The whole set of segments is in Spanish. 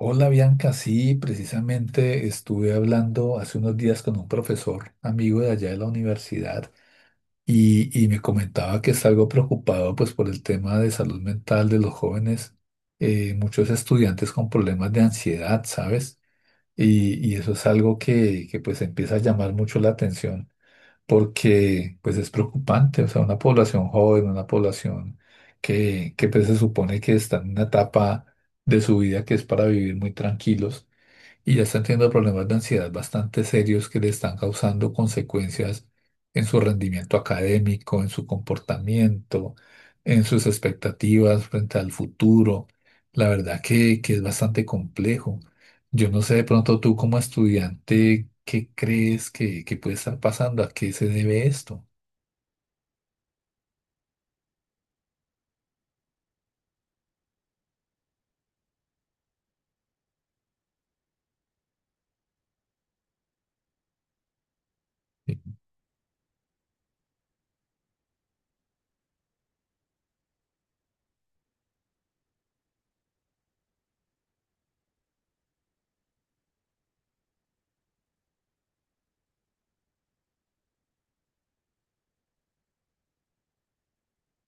Hola Bianca, sí, precisamente estuve hablando hace unos días con un profesor amigo de allá de la universidad y me comentaba que está algo preocupado pues por el tema de salud mental de los jóvenes, muchos estudiantes con problemas de ansiedad, ¿sabes? Y eso es algo que pues empieza a llamar mucho la atención porque pues es preocupante, o sea, una población joven, una población que pues se supone que está en una etapa de su vida que es para vivir muy tranquilos y ya están teniendo problemas de ansiedad bastante serios que le están causando consecuencias en su rendimiento académico, en su comportamiento, en sus expectativas frente al futuro. La verdad que es bastante complejo. Yo no sé de pronto tú como estudiante, ¿qué crees que puede estar pasando? ¿A qué se debe esto?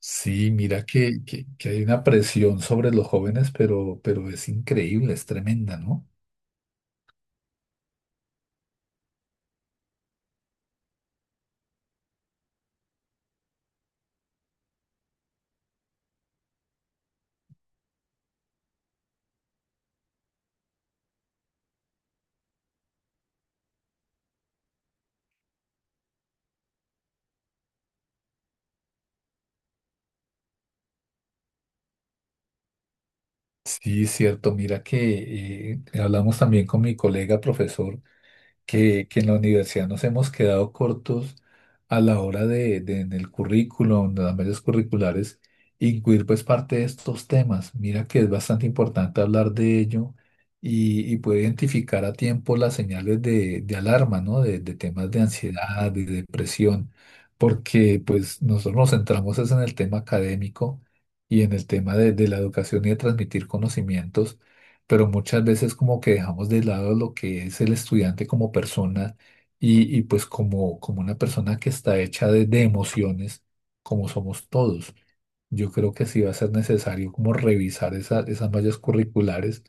Sí, mira que, que hay una presión sobre los jóvenes, pero es increíble, es tremenda, ¿no? Sí, es cierto. Mira que hablamos también con mi colega profesor que en la universidad nos hemos quedado cortos a la hora de en el currículum, de las medios curriculares, incluir pues parte de estos temas. Mira que es bastante importante hablar de ello y poder identificar a tiempo las señales de alarma, ¿no? De temas de ansiedad, de depresión, porque pues nosotros nos centramos es en el tema académico y en el tema de la educación y de transmitir conocimientos pero muchas veces como que dejamos de lado lo que es el estudiante como persona y pues como, como una persona que está hecha de emociones, como somos todos. Yo creo que sí va a ser necesario como revisar esas mallas curriculares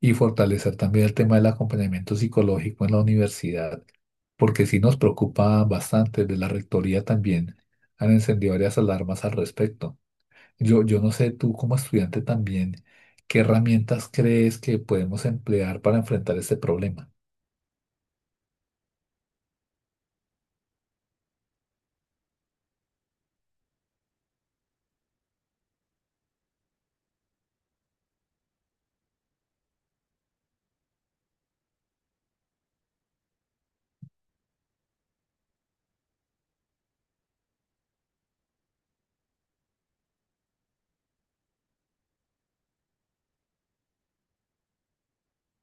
y fortalecer también el tema del acompañamiento psicológico en la universidad, porque sí nos preocupa bastante. De la rectoría también han encendido varias alarmas al respecto. Yo no sé, tú como estudiante también, ¿qué herramientas crees que podemos emplear para enfrentar este problema?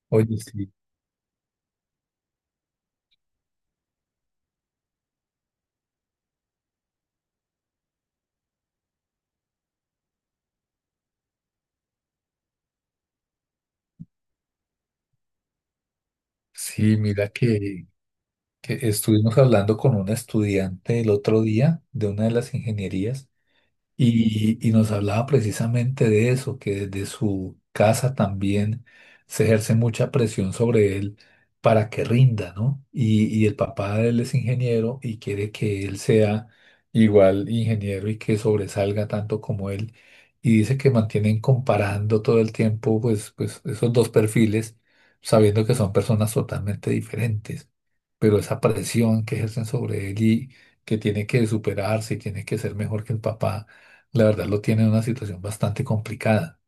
Oye, sí, sí, mira que, estuvimos hablando con una estudiante el otro día de una de las ingenierías. Y nos hablaba precisamente de eso, que desde su casa también se ejerce mucha presión sobre él para que rinda, ¿no? Y el papá de él es ingeniero y quiere que él sea igual ingeniero y que sobresalga tanto como él. Y dice que mantienen comparando todo el tiempo, pues, pues esos dos perfiles, sabiendo que son personas totalmente diferentes. Pero esa presión que ejercen sobre él y que tiene que superarse y tiene que ser mejor que el papá la verdad lo tiene en una situación bastante complicada.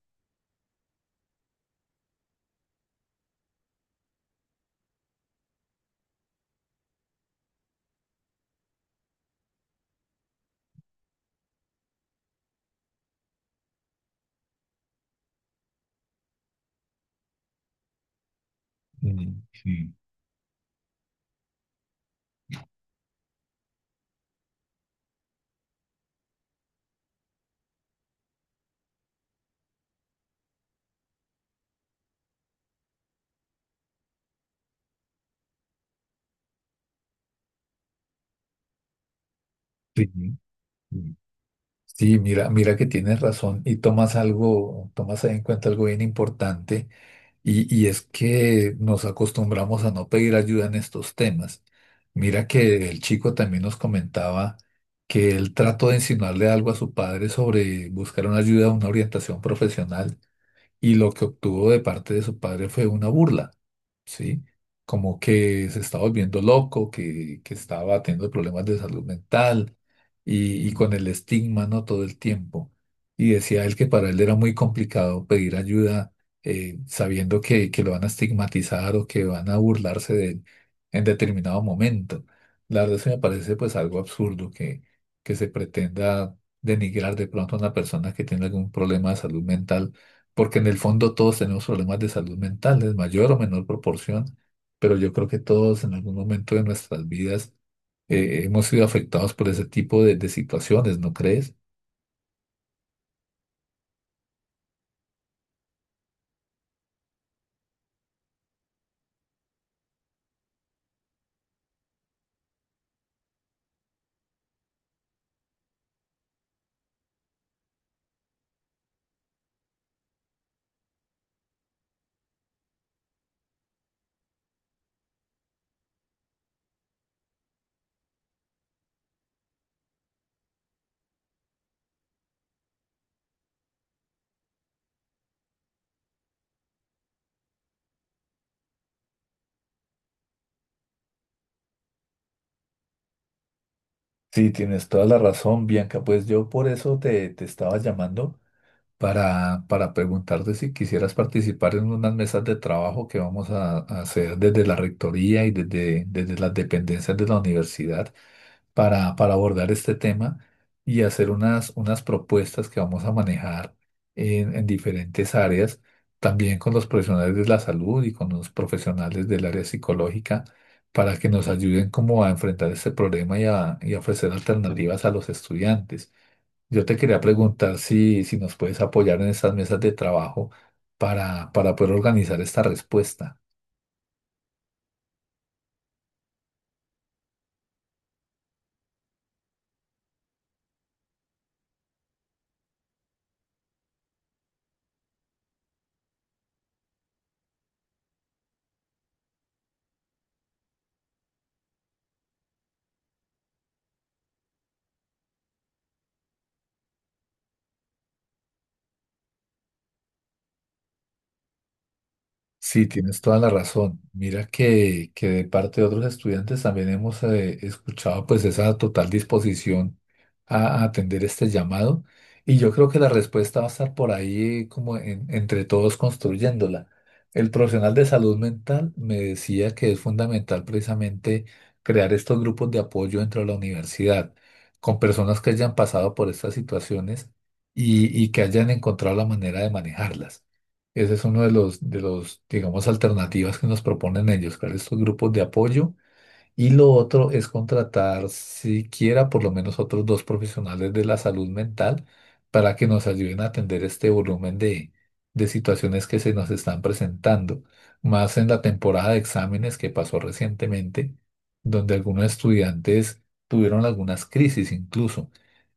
Mm, sí. Sí, sí. Sí, mira, mira que tienes razón y tomas algo, tomas en cuenta algo bien importante y es que nos acostumbramos a no pedir ayuda en estos temas. Mira que el chico también nos comentaba que él trató de insinuarle algo a su padre sobre buscar una ayuda, una orientación profesional y lo que obtuvo de parte de su padre fue una burla. ¿Sí? Como que se está volviendo loco, que estaba teniendo problemas de salud mental y con el estigma, ¿no? Todo el tiempo. Y decía él que para él era muy complicado pedir ayuda sabiendo que, lo van a estigmatizar o que van a burlarse de él en determinado momento. La verdad eso me parece pues algo absurdo que se pretenda denigrar de pronto a una persona que tiene algún problema de salud mental porque en el fondo todos tenemos problemas de salud mental, en mayor o menor proporción, pero yo creo que todos en algún momento de nuestras vidas hemos sido afectados por ese tipo de situaciones, ¿no crees? Sí, tienes toda la razón, Bianca. Pues yo por eso te, estaba llamando, para, preguntarte si quisieras participar en unas mesas de trabajo que vamos a hacer desde la rectoría y desde, desde las dependencias de la universidad para, abordar este tema y hacer unas, unas propuestas que vamos a manejar en diferentes áreas, también con los profesionales de la salud y con los profesionales del área psicológica, para que nos ayuden como a enfrentar este problema y a ofrecer alternativas a los estudiantes. Yo te quería preguntar si, nos puedes apoyar en estas mesas de trabajo para, poder organizar esta respuesta. Sí, tienes toda la razón. Mira que, de parte de otros estudiantes también hemos escuchado pues esa total disposición a, atender este llamado y yo creo que la respuesta va a estar por ahí como entre todos construyéndola. El profesional de salud mental me decía que es fundamental precisamente crear estos grupos de apoyo dentro de la universidad con personas que hayan pasado por estas situaciones y que hayan encontrado la manera de manejarlas. Ese es uno de los, digamos, alternativas que nos proponen ellos, crear estos grupos de apoyo. Y lo otro es contratar siquiera por lo menos otros dos profesionales de la salud mental para que nos ayuden a atender este volumen de, situaciones que se nos están presentando. Más en la temporada de exámenes que pasó recientemente, donde algunos estudiantes tuvieron algunas crisis incluso.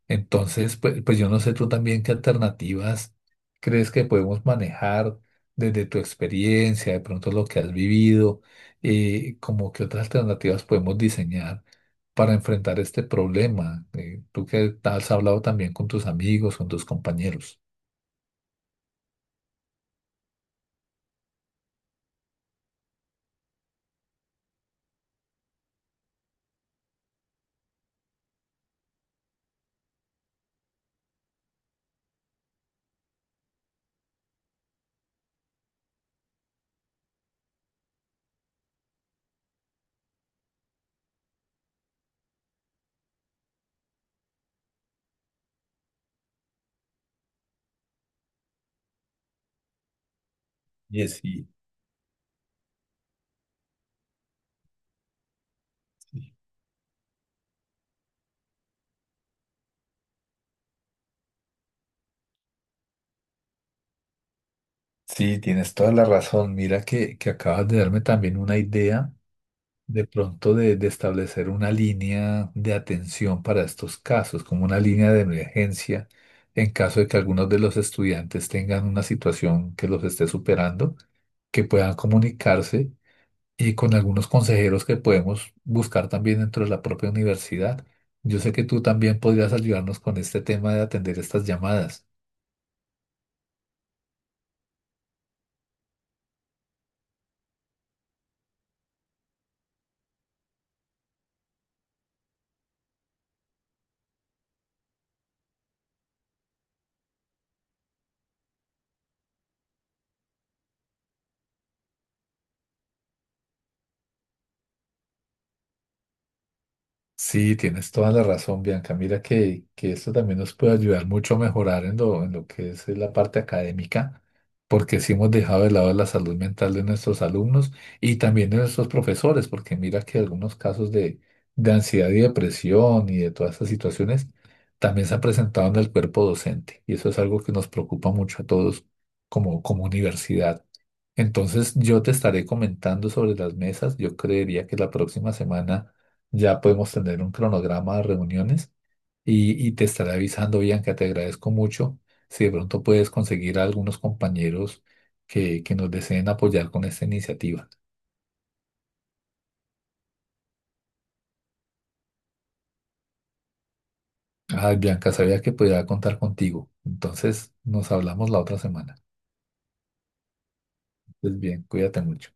Entonces, pues, pues yo no sé tú también qué alternativas crees que podemos manejar desde tu experiencia, de pronto lo que has vivido, como qué otras alternativas podemos diseñar para enfrentar este problema. Tú que has hablado también con tus amigos, con tus compañeros. Oye, sí, sí, tienes toda la razón. Mira que, acabas de darme también una idea de pronto de, establecer una línea de atención para estos casos, como una línea de emergencia en caso de que algunos de los estudiantes tengan una situación que los esté superando, que puedan comunicarse y con algunos consejeros que podemos buscar también dentro de la propia universidad. Yo sé que tú también podrías ayudarnos con este tema de atender estas llamadas. Sí, tienes toda la razón, Bianca. Mira que, esto también nos puede ayudar mucho a mejorar en lo que es la parte académica, porque sí hemos dejado de lado la salud mental de nuestros alumnos y también de nuestros profesores, porque mira que algunos casos de, ansiedad y depresión y de todas estas situaciones también se han presentado en el cuerpo docente y eso es algo que nos preocupa mucho a todos como, como universidad. Entonces yo te estaré comentando sobre las mesas. Yo creería que la próxima semana ya podemos tener un cronograma de reuniones y te estaré avisando, Bianca, te agradezco mucho. Si de pronto puedes conseguir a algunos compañeros que, nos deseen apoyar con esta iniciativa. Ay, Bianca, sabía que podía contar contigo. Entonces nos hablamos la otra semana. Pues bien, cuídate mucho.